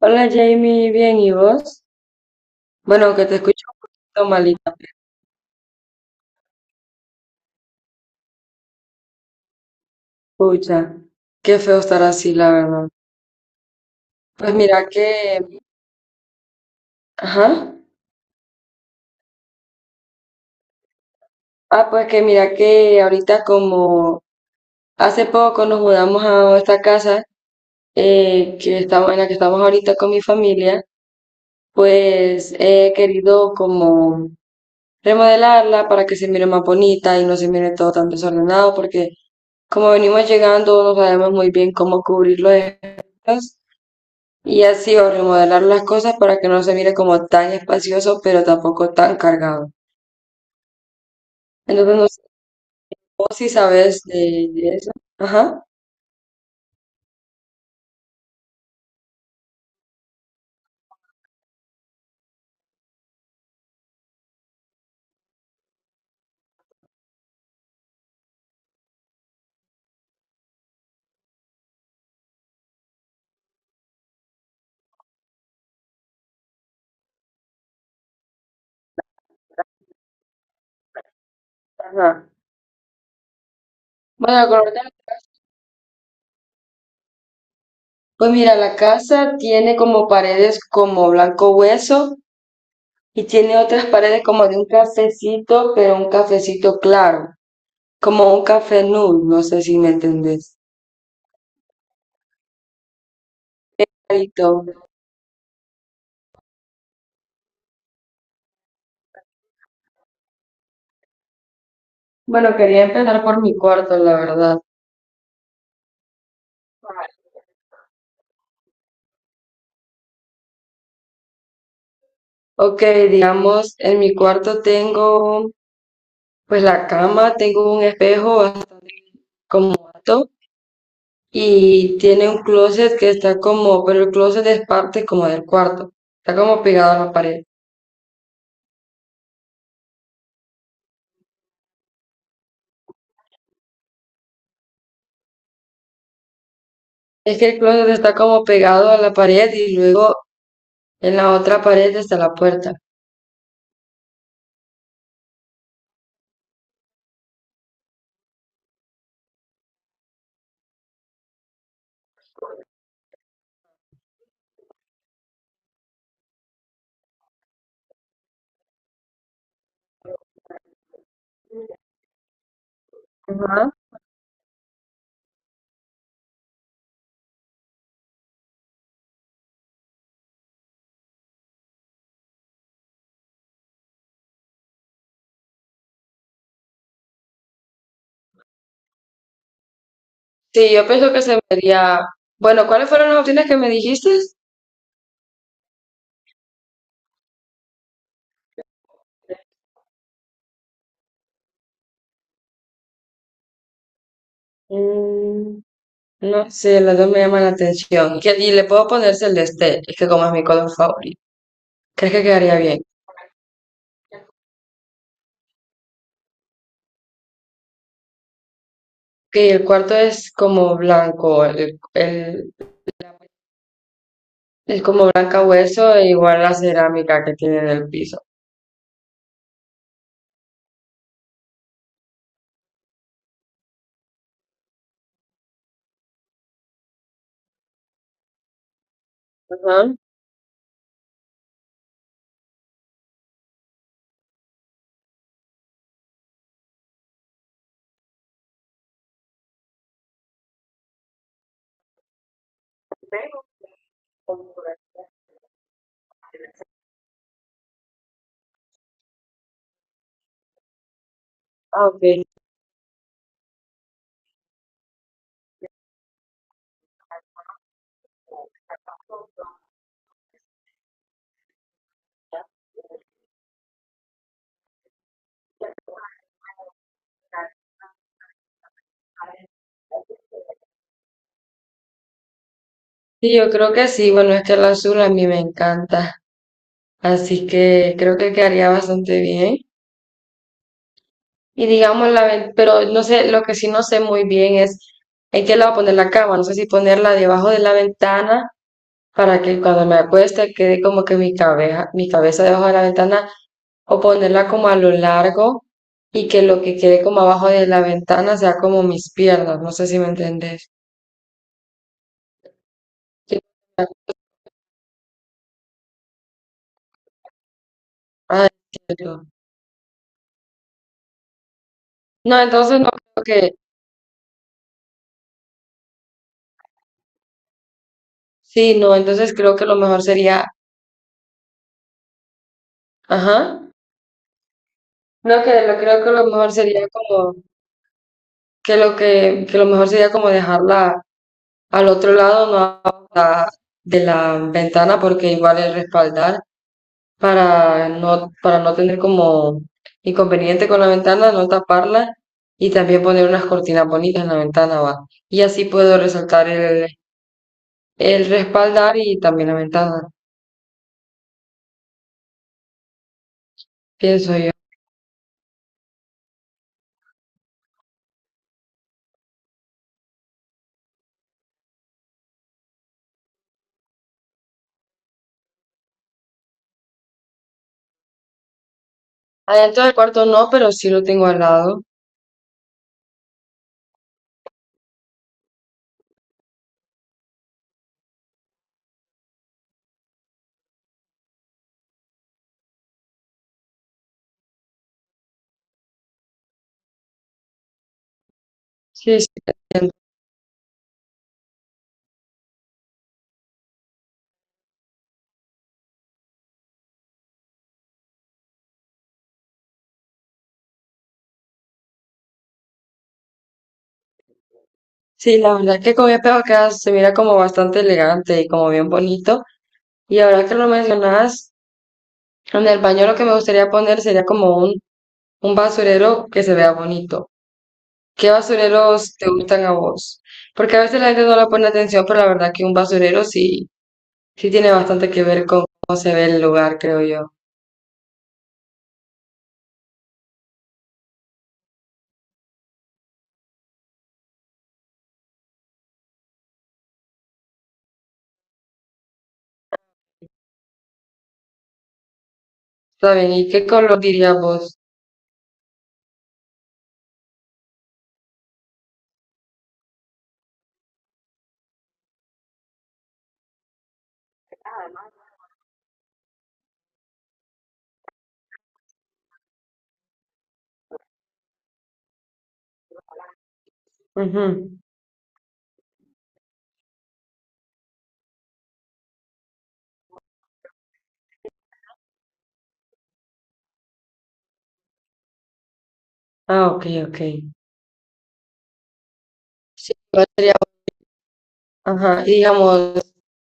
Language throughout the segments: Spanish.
Hola Jamie, bien, ¿y vos? Bueno, que te escucho un poquito malita, pucha. Qué feo estar así, la verdad. Pues mira que, ajá. Ah, pues que mira que ahorita como hace poco nos mudamos a esta casa, que estamos, en la que estamos ahorita con mi familia, pues he querido como remodelarla para que se mire más bonita y no se mire todo tan desordenado porque como venimos llegando no sabemos muy bien cómo cubrir los espacios y así, o remodelar las cosas para que no se mire como tan espacioso, pero tampoco tan cargado. Entonces, no sé vos si sabes de eso. Ajá. Ajá. Bueno, la color, pues mira, la casa tiene como paredes como blanco hueso y tiene otras paredes como de un cafecito, pero un cafecito claro, como un café nude, no sé si me entendés. Clarito. Bueno, quería empezar por mi cuarto, la verdad. Ok, digamos, en mi cuarto tengo pues la cama, tengo un espejo bastante como alto y tiene un closet que está como, pero el closet es parte como del cuarto, está como pegado a la pared. Es que el closet está como pegado a la pared y luego en la otra pared está la puerta. Ajá. Sí, yo pienso que se vería... Bueno, ¿cuáles fueron las opciones que me dijiste? Mm, no sé, las dos me llaman la atención. Que- y le puedo poner celeste, es que como es mi color favorito. ¿Crees que quedaría bien? Que el cuarto es como blanco, el- es como blanca hueso, e igual la cerámica que tiene en el piso. Ajá. Ah, ok. Sí, yo creo que sí. Bueno, es que el azul a mí me encanta, así que creo que quedaría bastante bien. Y digamos, la, ven- pero no sé, lo que sí no sé muy bien es en qué lado poner la cama. No sé si ponerla debajo de la ventana para que cuando me acueste quede como que mi cabeza debajo de la ventana, o ponerla como a lo largo y que lo que quede como abajo de la ventana sea como mis piernas. No sé si me entendés. Sí, ah, entiendo. No, entonces no creo que, sí, no, entonces creo que lo mejor sería, ajá, no, que lo creo que lo mejor sería como, que lo mejor sería como dejarla al otro lado, no abajo la- de la ventana porque igual es respaldar, para no tener como inconveniente con la ventana, no taparla, y también poner unas cortinas bonitas en la ventana va. Y así puedo resaltar el respaldar y también la ventana, pienso yo. Adentro del cuarto no, pero sí lo tengo al lado. Sí, sí, la verdad es que con mi espejo queda, se mira como bastante elegante y como bien bonito. Y ahora que lo mencionas, en el baño lo que me gustaría poner sería como un basurero que se vea bonito. ¿Qué basureros te gustan a vos? Porque a veces la gente no le pone atención, pero la verdad que un basurero sí, sí tiene bastante que ver con cómo se ve el lugar, creo yo. Está bien, ¿y qué color dirías vos? Ujú. Ah, ok, ok. Sí, ¿cuál sería? Ajá, y digamos,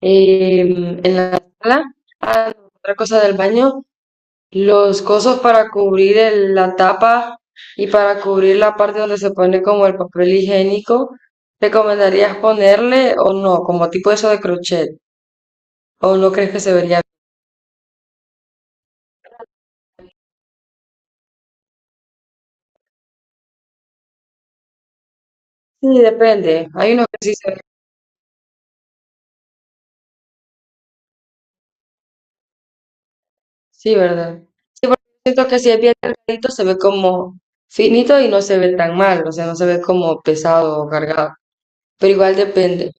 en la sala, ah, no, otra cosa del baño, los cosos para cubrir el- la tapa y para cubrir la parte donde se pone como el papel higiénico, ¿recomendarías ponerle o no? Como tipo eso de crochet. ¿O no crees que se vería bien? Sí, depende. Hay unos que sí se ven. Sí, ¿verdad? Sí, porque siento que si es bien delgadito se ve como finito y no se ve tan mal. O sea, no se ve como pesado o cargado. Pero igual depende.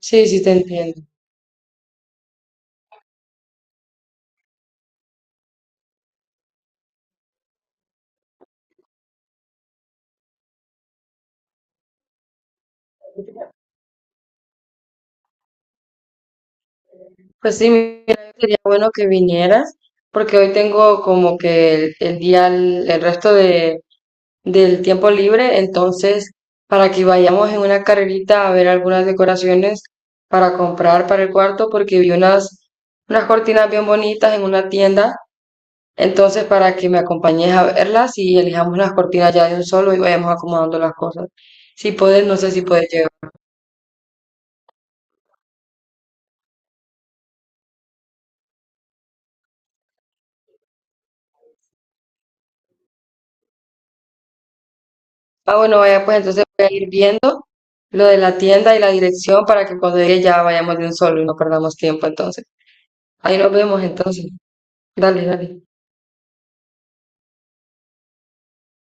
Sí, sí, te entiendo. Pues sí, mira, sería bueno que vinieras, porque hoy tengo como que el día, el resto de, del tiempo libre, entonces, para que vayamos en una carrerita a ver algunas decoraciones para comprar para el cuarto, porque vi unas, unas cortinas bien bonitas en una tienda, entonces, para que me acompañes a verlas y elijamos las cortinas ya de un solo y vayamos acomodando las cosas. Si puedes, no sé si puedes llegar. Ah, bueno, vaya, pues entonces voy a ir viendo lo de la tienda y la dirección para que cuando llegue ya vayamos de un solo y no perdamos tiempo entonces. Ahí nos vemos entonces. Dale, dale.